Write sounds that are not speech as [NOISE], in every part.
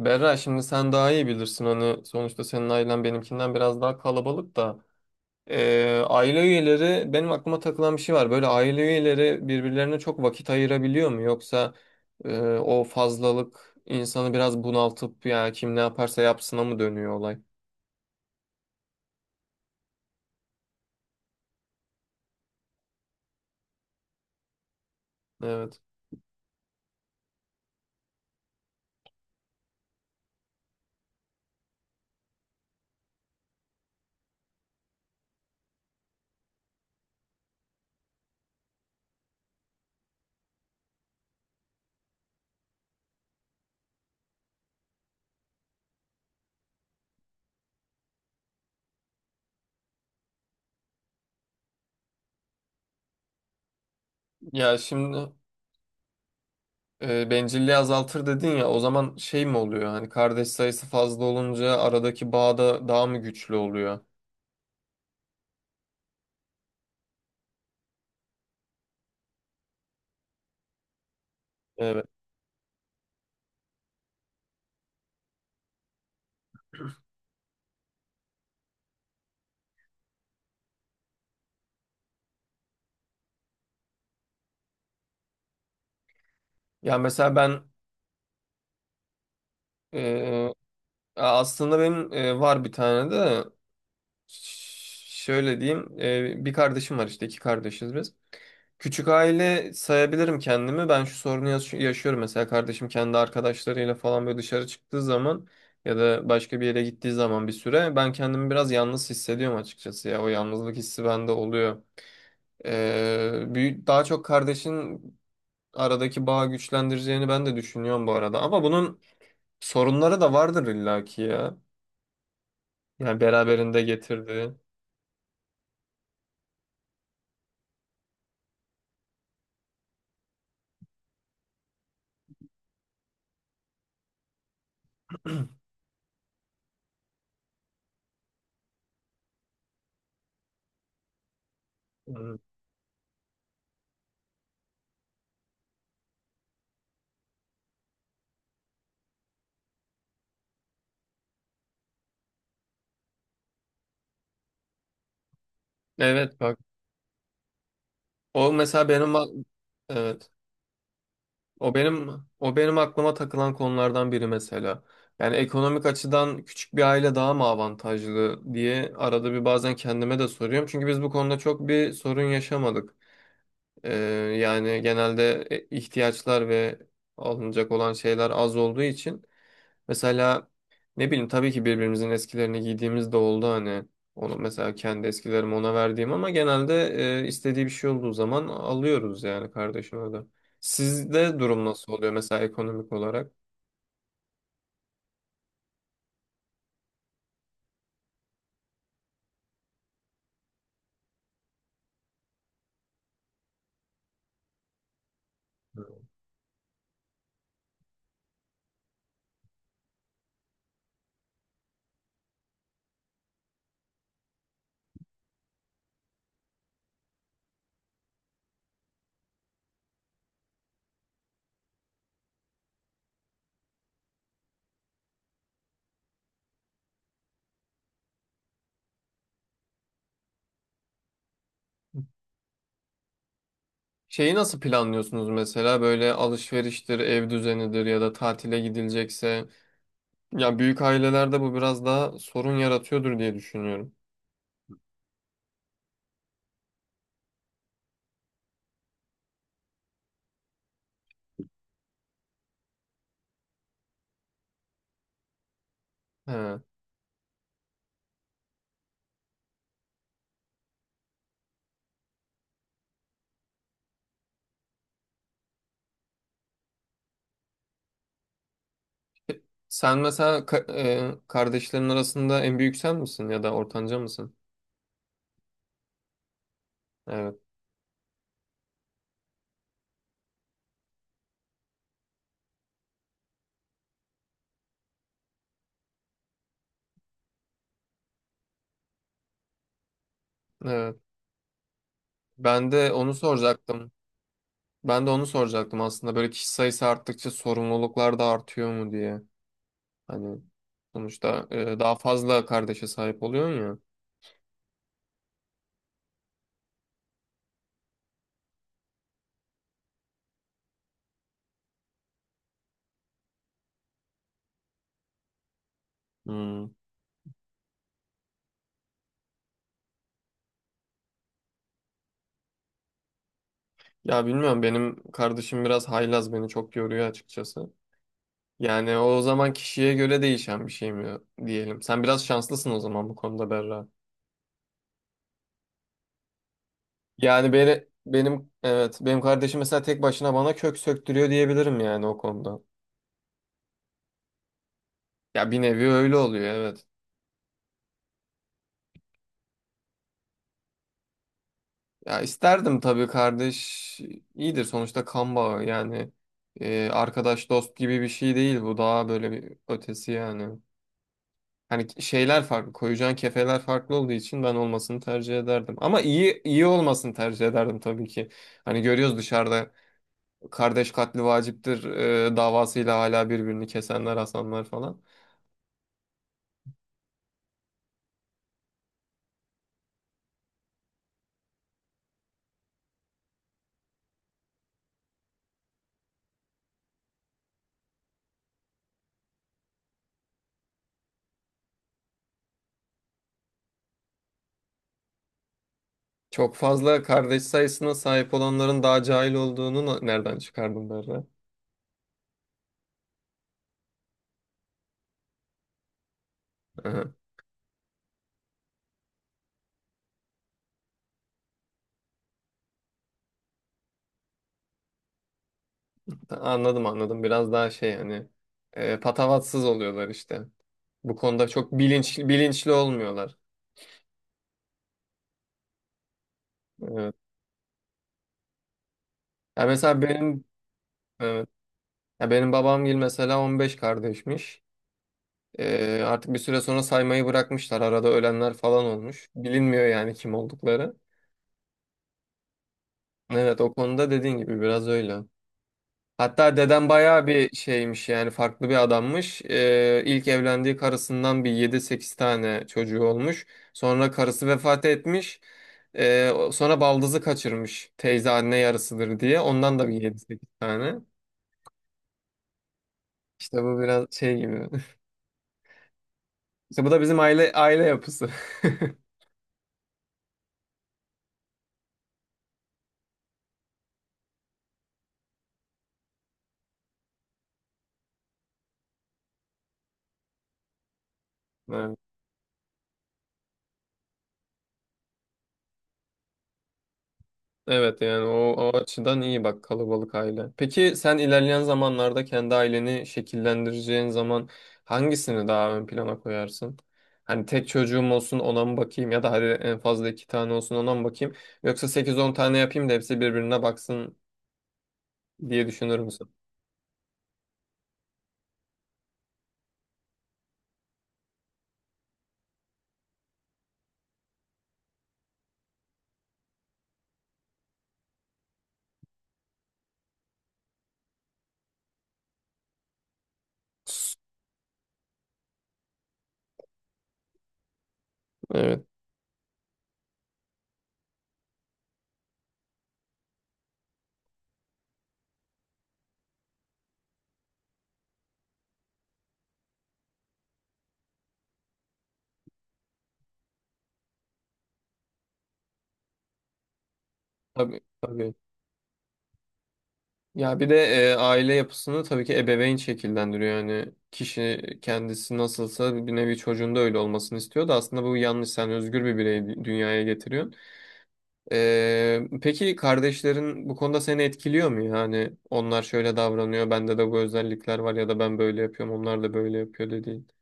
Berra, şimdi sen daha iyi bilirsin, hani sonuçta senin ailen benimkinden biraz daha kalabalık da. Aile üyeleri, benim aklıma takılan bir şey var, böyle aile üyeleri birbirlerine çok vakit ayırabiliyor mu, yoksa o fazlalık insanı biraz bunaltıp ya kim ne yaparsa yapsına mı dönüyor olay? Evet. Ya şimdi bencilliği azaltır dedin ya, o zaman şey mi oluyor, hani kardeş sayısı fazla olunca aradaki bağ da daha mı güçlü oluyor? Evet. Ya mesela ben ee, aslında benim var bir tane de şöyle diyeyim, bir kardeşim var işte, iki kardeşiz biz. Küçük aile sayabilirim kendimi. Ben şu sorunu yaşıyorum mesela, kardeşim kendi arkadaşlarıyla falan böyle dışarı çıktığı zaman ya da başka bir yere gittiği zaman bir süre ben kendimi biraz yalnız hissediyorum açıkçası, ya o yalnızlık hissi bende oluyor. Büyük, daha çok kardeşin aradaki bağı güçlendireceğini ben de düşünüyorum bu arada, ama bunun sorunları da vardır illaki ya. Yani beraberinde getirdi. Hmm. Evet bak, o mesela evet o benim, o benim aklıma takılan konulardan biri mesela. Yani ekonomik açıdan küçük bir aile daha mı avantajlı diye arada bir bazen kendime de soruyorum. Çünkü biz bu konuda çok bir sorun yaşamadık. Ee, Yani genelde ihtiyaçlar ve alınacak olan şeyler az olduğu için mesela, ne bileyim, tabii ki birbirimizin eskilerini giydiğimiz de oldu hani. Onu mesela, kendi eskilerimi ona verdiğim, ama genelde istediği bir şey olduğu zaman alıyoruz yani kardeşime de. Sizde durum nasıl oluyor mesela ekonomik olarak? Şeyi nasıl planlıyorsunuz mesela, böyle alışveriştir, ev düzenidir ya da tatile gidilecekse? Ya büyük ailelerde bu biraz daha sorun yaratıyordur diye düşünüyorum. He. Sen mesela kardeşlerin arasında en büyük sen misin ya da ortanca mısın? Evet. Evet. Ben de onu soracaktım. Ben de onu soracaktım aslında. Böyle kişi sayısı arttıkça sorumluluklar da artıyor mu diye. Hani sonuçta daha fazla kardeşe sahip oluyorsun ya. Hmm. Ya bilmiyorum, benim kardeşim biraz haylaz, beni çok yoruyor açıkçası. Yani o zaman kişiye göre değişen bir şey mi diyelim. Sen biraz şanslısın o zaman bu konuda Berra. Yani benim, evet benim kardeşim mesela tek başına bana kök söktürüyor diyebilirim yani o konuda. Ya bir nevi öyle oluyor, evet. Ya isterdim tabii kardeş. İyidir sonuçta kan bağı yani. Arkadaş dost gibi bir şey değil bu. Daha böyle bir ötesi yani. Hani şeyler farklı, koyacağın kefeler farklı olduğu için ben olmasını tercih ederdim. Ama iyi iyi olmasını tercih ederdim tabii ki. Hani görüyoruz dışarıda, kardeş katli vaciptir davasıyla hala birbirini kesenler, asanlar falan. Çok fazla kardeş sayısına sahip olanların daha cahil olduğunu nereden çıkardım derler. [LAUGHS] Anladım anladım. Biraz daha şey, hani patavatsız oluyorlar işte. Bu konuda çok bilinçli olmuyorlar. Evet. Ya mesela benim evet. Ya benim babam gibi mesela 15 kardeşmiş. E, artık bir süre sonra saymayı bırakmışlar. Arada ölenler falan olmuş. Bilinmiyor yani kim oldukları. Evet, o konuda dediğin gibi biraz öyle. Hatta dedem bayağı bir şeymiş, yani farklı bir adammış. İlk evlendiği karısından bir yedi sekiz tane çocuğu olmuş. Sonra karısı vefat etmiş. Sonra baldızı kaçırmış. Teyze anne yarısıdır diye. Ondan da bir yedi sekiz tane. İşte bu biraz şey gibi. [LAUGHS] İşte bu da bizim aile yapısı. [LAUGHS] Evet. Evet yani o açıdan iyi bak kalabalık aile. Peki sen ilerleyen zamanlarda kendi aileni şekillendireceğin zaman hangisini daha ön plana koyarsın? Hani tek çocuğum olsun ona mı bakayım, ya da hadi en fazla iki tane olsun ona mı bakayım? Yoksa sekiz on tane yapayım da hepsi birbirine baksın diye düşünür müsün? Evet. Tabii tabii. Ya bir de aile yapısını tabii ki ebeveyn şekillendiriyor. Yani kişi kendisi nasılsa bir nevi çocuğunda öyle olmasını istiyor da, aslında bu yanlış. Sen özgür bir bireyi dünyaya getiriyorsun. Peki kardeşlerin bu konuda seni etkiliyor mu? Yani onlar şöyle davranıyor, bende de bu özellikler var, ya da ben böyle yapıyorum, onlar da böyle yapıyor dediğin.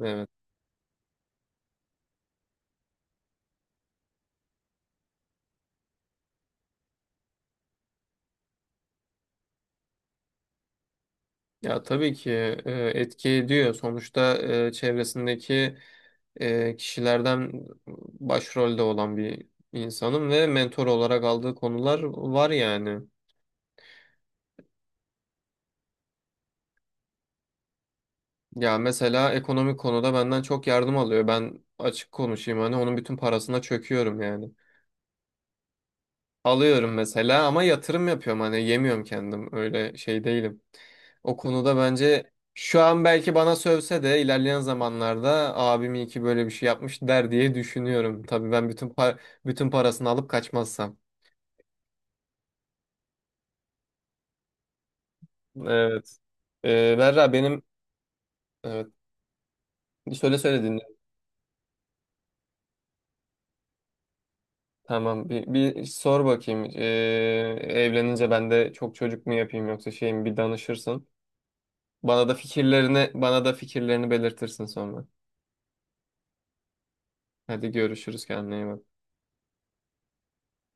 Evet. Ya tabii ki etki ediyor. Sonuçta çevresindeki kişilerden başrolde olan bir insanım ve mentor olarak aldığı konular var yani. Ya mesela ekonomik konuda benden çok yardım alıyor. Ben açık konuşayım, hani onun bütün parasına çöküyorum yani. Alıyorum mesela ama yatırım yapıyorum, hani yemiyorum kendim, öyle şey değilim. O konuda bence şu an belki bana sövse de ilerleyen zamanlarda abim iyi ki böyle bir şey yapmış der diye düşünüyorum. Tabii ben bütün parasını alıp kaçmazsam. Evet. Berra, benim evet, söyle söyle, dinle. Tamam bir sor bakayım. Evlenince ben de çok çocuk mu yapayım yoksa şey mi, bir danışırsın. Bana da fikirlerini belirtirsin sonra. Hadi görüşürüz, kendine iyi bak.